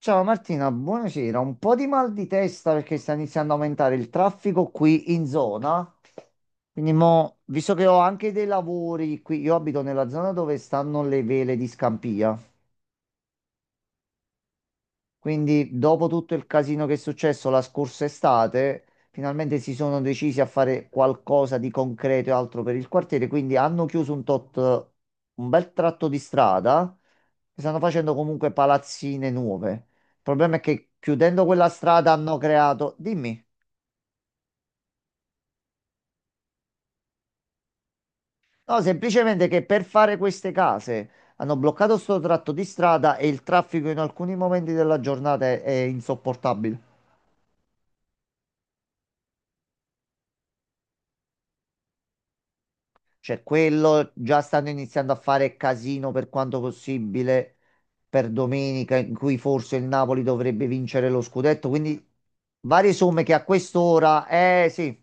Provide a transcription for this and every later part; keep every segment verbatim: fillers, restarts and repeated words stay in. Ciao Martina, buonasera. Un po' di mal di testa perché sta iniziando a aumentare il traffico qui in zona. Quindi mo, visto che ho anche dei lavori qui, io abito nella zona dove stanno le vele di Scampia. Quindi, dopo tutto il casino che è successo la scorsa estate, finalmente si sono decisi a fare qualcosa di concreto e altro per il quartiere. Quindi hanno chiuso un tot, un bel tratto di strada e stanno facendo comunque palazzine nuove. Il problema è che chiudendo quella strada hanno creato. Dimmi. No, semplicemente che per fare queste case hanno bloccato sto tratto di strada e il traffico in alcuni momenti della giornata è è insopportabile. Cioè, quello già stanno iniziando a fare casino per quanto possibile per domenica, in cui forse il Napoli dovrebbe vincere lo scudetto. Quindi, varie somme che a quest'ora, eh sì,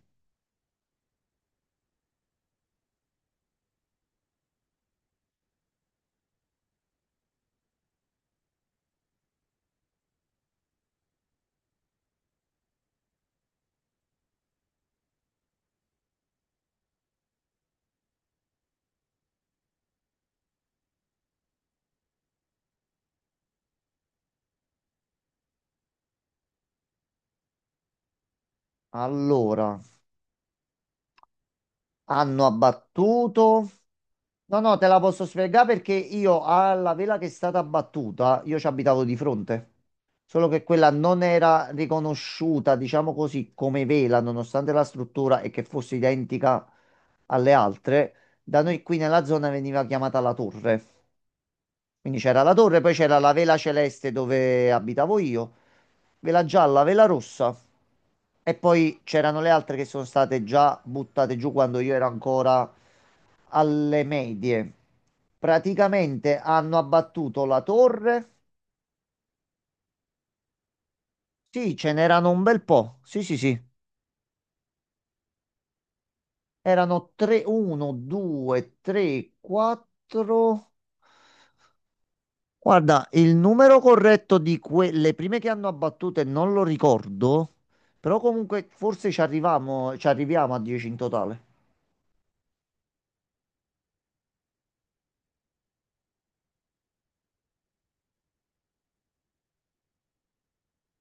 allora hanno abbattuto. No, no, te la posso spiegare perché io alla vela che è stata abbattuta, io ci abitavo di fronte. Solo che quella non era riconosciuta, diciamo così, come vela, nonostante la struttura e che fosse identica alle altre. Da noi qui nella zona veniva chiamata la torre. Quindi c'era la torre, poi c'era la vela celeste dove abitavo io, vela gialla, vela rossa. E poi c'erano le altre che sono state già buttate giù quando io ero ancora alle medie. Praticamente hanno abbattuto la torre. Sì, ce n'erano un bel po'. Sì, sì, sì. Erano tre, uno, due, tre, quattro. Guarda, il numero corretto di quelle prime che hanno abbattute non lo ricordo, però comunque forse ci arriviamo, ci arriviamo a dieci in totale.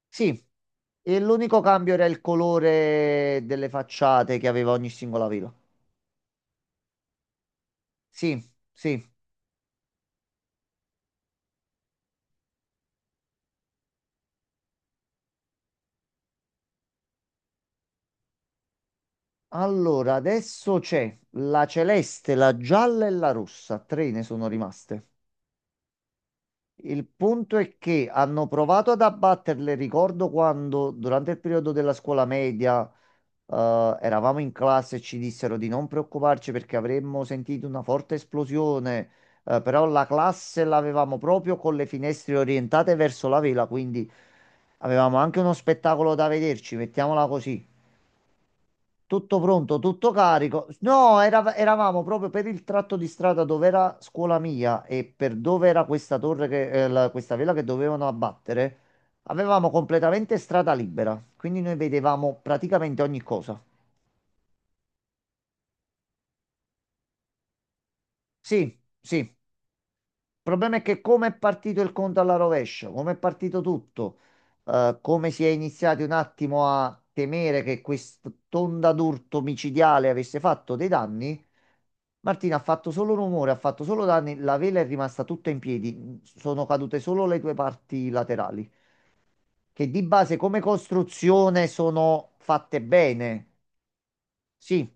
Sì, e l'unico cambio era il colore delle facciate che aveva ogni singola villa. Sì, sì. Allora, adesso c'è la celeste, la gialla e la rossa, tre ne sono rimaste. Il punto è che hanno provato ad abbatterle, ricordo quando durante il periodo della scuola media. Eh, eravamo in classe e ci dissero di non preoccuparci perché avremmo sentito una forte esplosione, eh, però la classe l'avevamo proprio con le finestre orientate verso la vela, quindi avevamo anche uno spettacolo da vederci, mettiamola così. Tutto pronto, tutto carico. No, era- eravamo proprio per il tratto di strada dove era scuola mia e per dove era questa torre che, eh, la- questa vela che dovevano abbattere. Avevamo completamente strada libera, quindi noi vedevamo praticamente ogni cosa. Sì, sì. Il problema è che come è partito il conto alla rovescia, come è partito tutto, eh, come si è iniziati un attimo a temere che quest'onda d'urto micidiale avesse fatto dei danni, Martina ha fatto solo rumore, ha fatto solo danni, la vela è rimasta tutta in piedi, sono cadute solo le due parti laterali, che di base come costruzione sono fatte bene. Sì,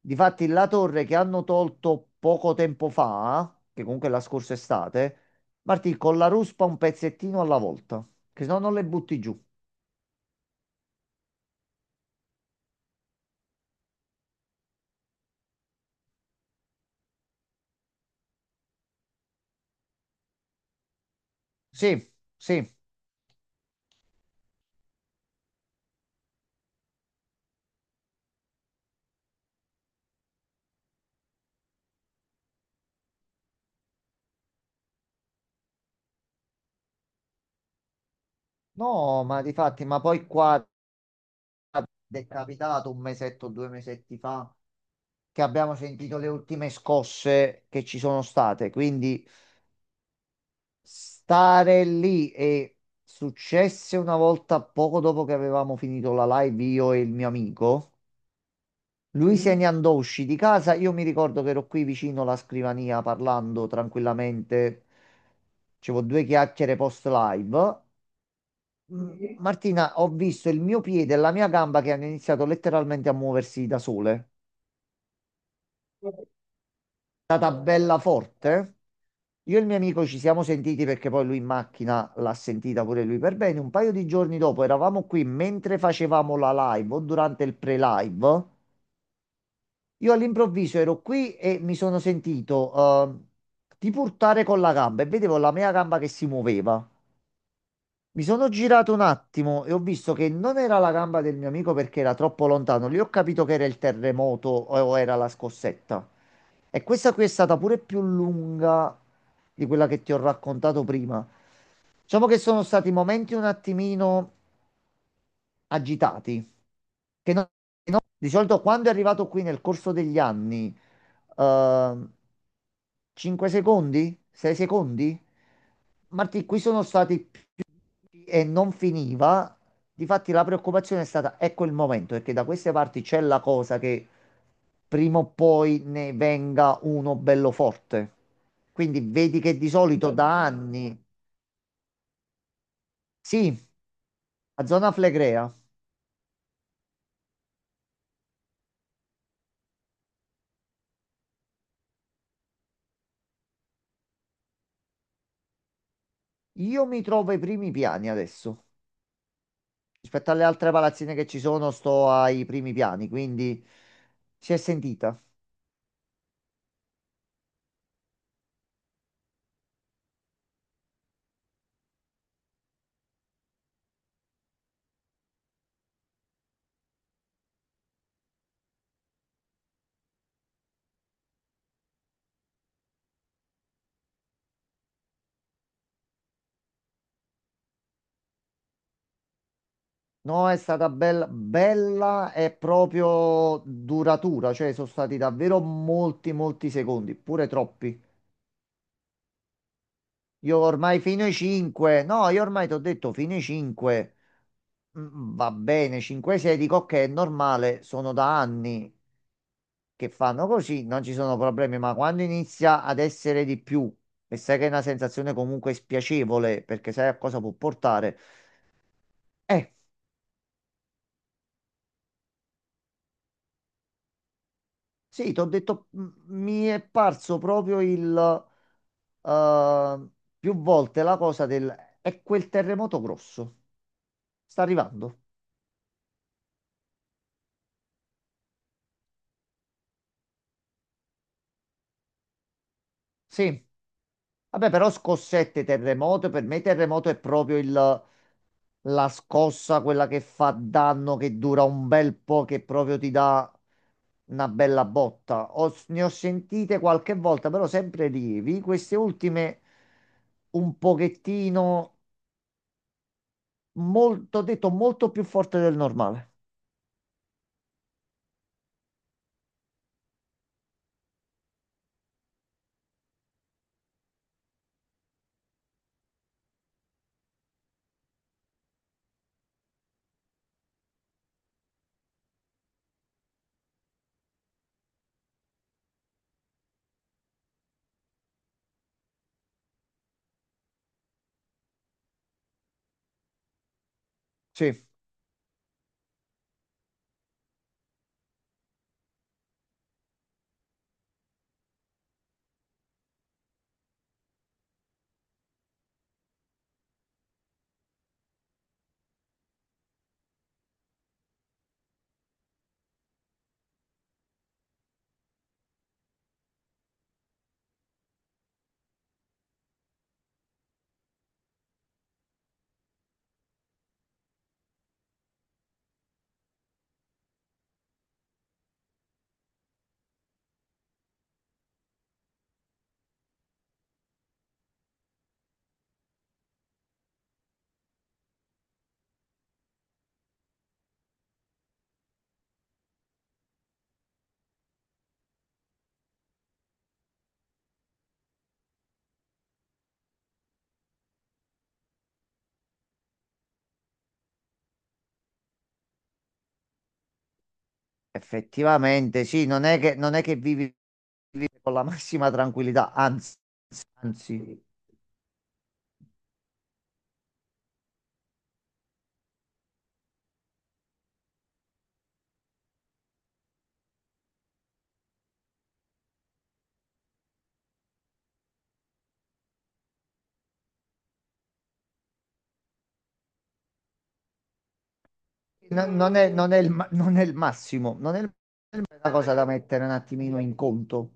difatti la torre che hanno tolto poco tempo fa, che comunque è la scorsa estate, Martì, con la ruspa un pezzettino alla volta, che se no non le butti giù. Sì, sì. No, ma difatti, ma poi qua è capitato un mesetto, due mesetti fa, che abbiamo sentito le ultime scosse che ci sono state, quindi stare lì e successe una volta poco dopo che avevamo finito la live io e il mio amico. Lui se ne andò, uscì di casa. Io mi ricordo che ero qui vicino alla scrivania parlando tranquillamente. Facevo due chiacchiere post live. Martina, ho visto il mio piede e la mia gamba che hanno iniziato letteralmente a muoversi da sole. È stata bella forte. Io e il mio amico ci siamo sentiti perché poi lui in macchina l'ha sentita pure lui per bene. Un paio di giorni dopo eravamo qui mentre facevamo la live o durante il pre-live. Io all'improvviso ero qui e mi sono sentito eh, tipo urtare con la gamba e vedevo la mia gamba che si muoveva. Mi sono girato un attimo e ho visto che non era la gamba del mio amico perché era troppo lontano. Lì ho capito che era il terremoto o o era la scossetta. E questa qui è stata pure più lunga di quella che ti ho raccontato prima. Diciamo che sono stati momenti un attimino agitati, che non- di solito quando è arrivato qui nel corso degli anni, ehm, cinque secondi? sei secondi? Martì, qui sono stati p- e non finiva. Difatti la preoccupazione è stata, ecco il momento, perché da queste parti c'è la cosa che prima o poi ne venga uno bello forte. Quindi vedi che di solito Zona da Flegrea. Anni, sì, a zona Flegrea, io mi trovo ai primi piani adesso. Rispetto alle altre palazzine che ci sono, sto ai primi piani, quindi si è sentita. No, è stata bella, bella e proprio duratura, cioè sono stati davvero molti, molti secondi, pure troppi. Io ormai fino ai cinque, no, io ormai ti ho detto fino ai cinque, mm, mm, va bene, cinque a sei dico ok, è normale, sono da anni che fanno così, non ci sono problemi, ma quando inizia ad essere di più e sai che è una sensazione comunque spiacevole perché sai a cosa può portare, eh, sì, ti ho detto, mm, mi è parso proprio il... eh, più volte la cosa del è quel terremoto grosso. Sta arrivando. Sì. Vabbè, però scossette, terremoto, per me terremoto è proprio il- la scossa, quella che fa danno, che dura un bel po', che proprio ti dà una bella botta. Ho- ne ho sentite qualche volta, però sempre lievi. Queste ultime un pochettino, molto, ho detto, molto più forte del normale. Sì, effettivamente, sì, non è che, non è che vivi vive con la massima tranquillità, anzi, anzi, no- non è, non è il, ma- non è il massimo, non è il- una cosa da mettere un attimino in conto.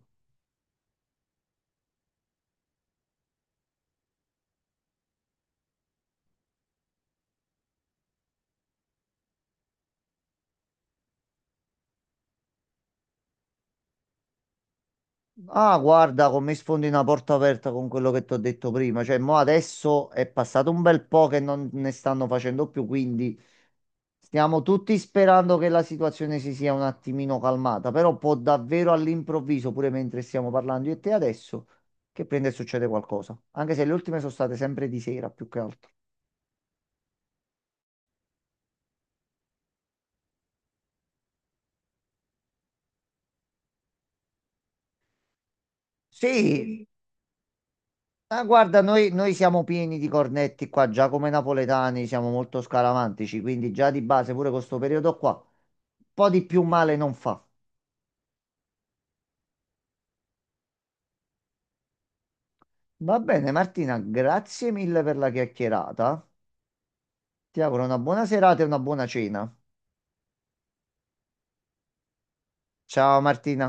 Ah, guarda, come sfondi una porta aperta con quello che ti ho detto prima, cioè, mo adesso è passato un bel po' che non ne stanno facendo più, quindi stiamo tutti sperando che la situazione si sia un attimino calmata, però può davvero all'improvviso, pure mentre stiamo parlando io e te adesso, che prende e succede qualcosa, anche se le ultime sono state sempre di sera più che altro. Sì, ah, guarda, noi, noi siamo pieni di cornetti qua, già come napoletani siamo molto scaramantici, quindi già di base pure con questo periodo qua, un po' di più male non fa. Va bene, Martina, grazie mille per la chiacchierata. Ti auguro una buona serata e una buona cena. Ciao Martina.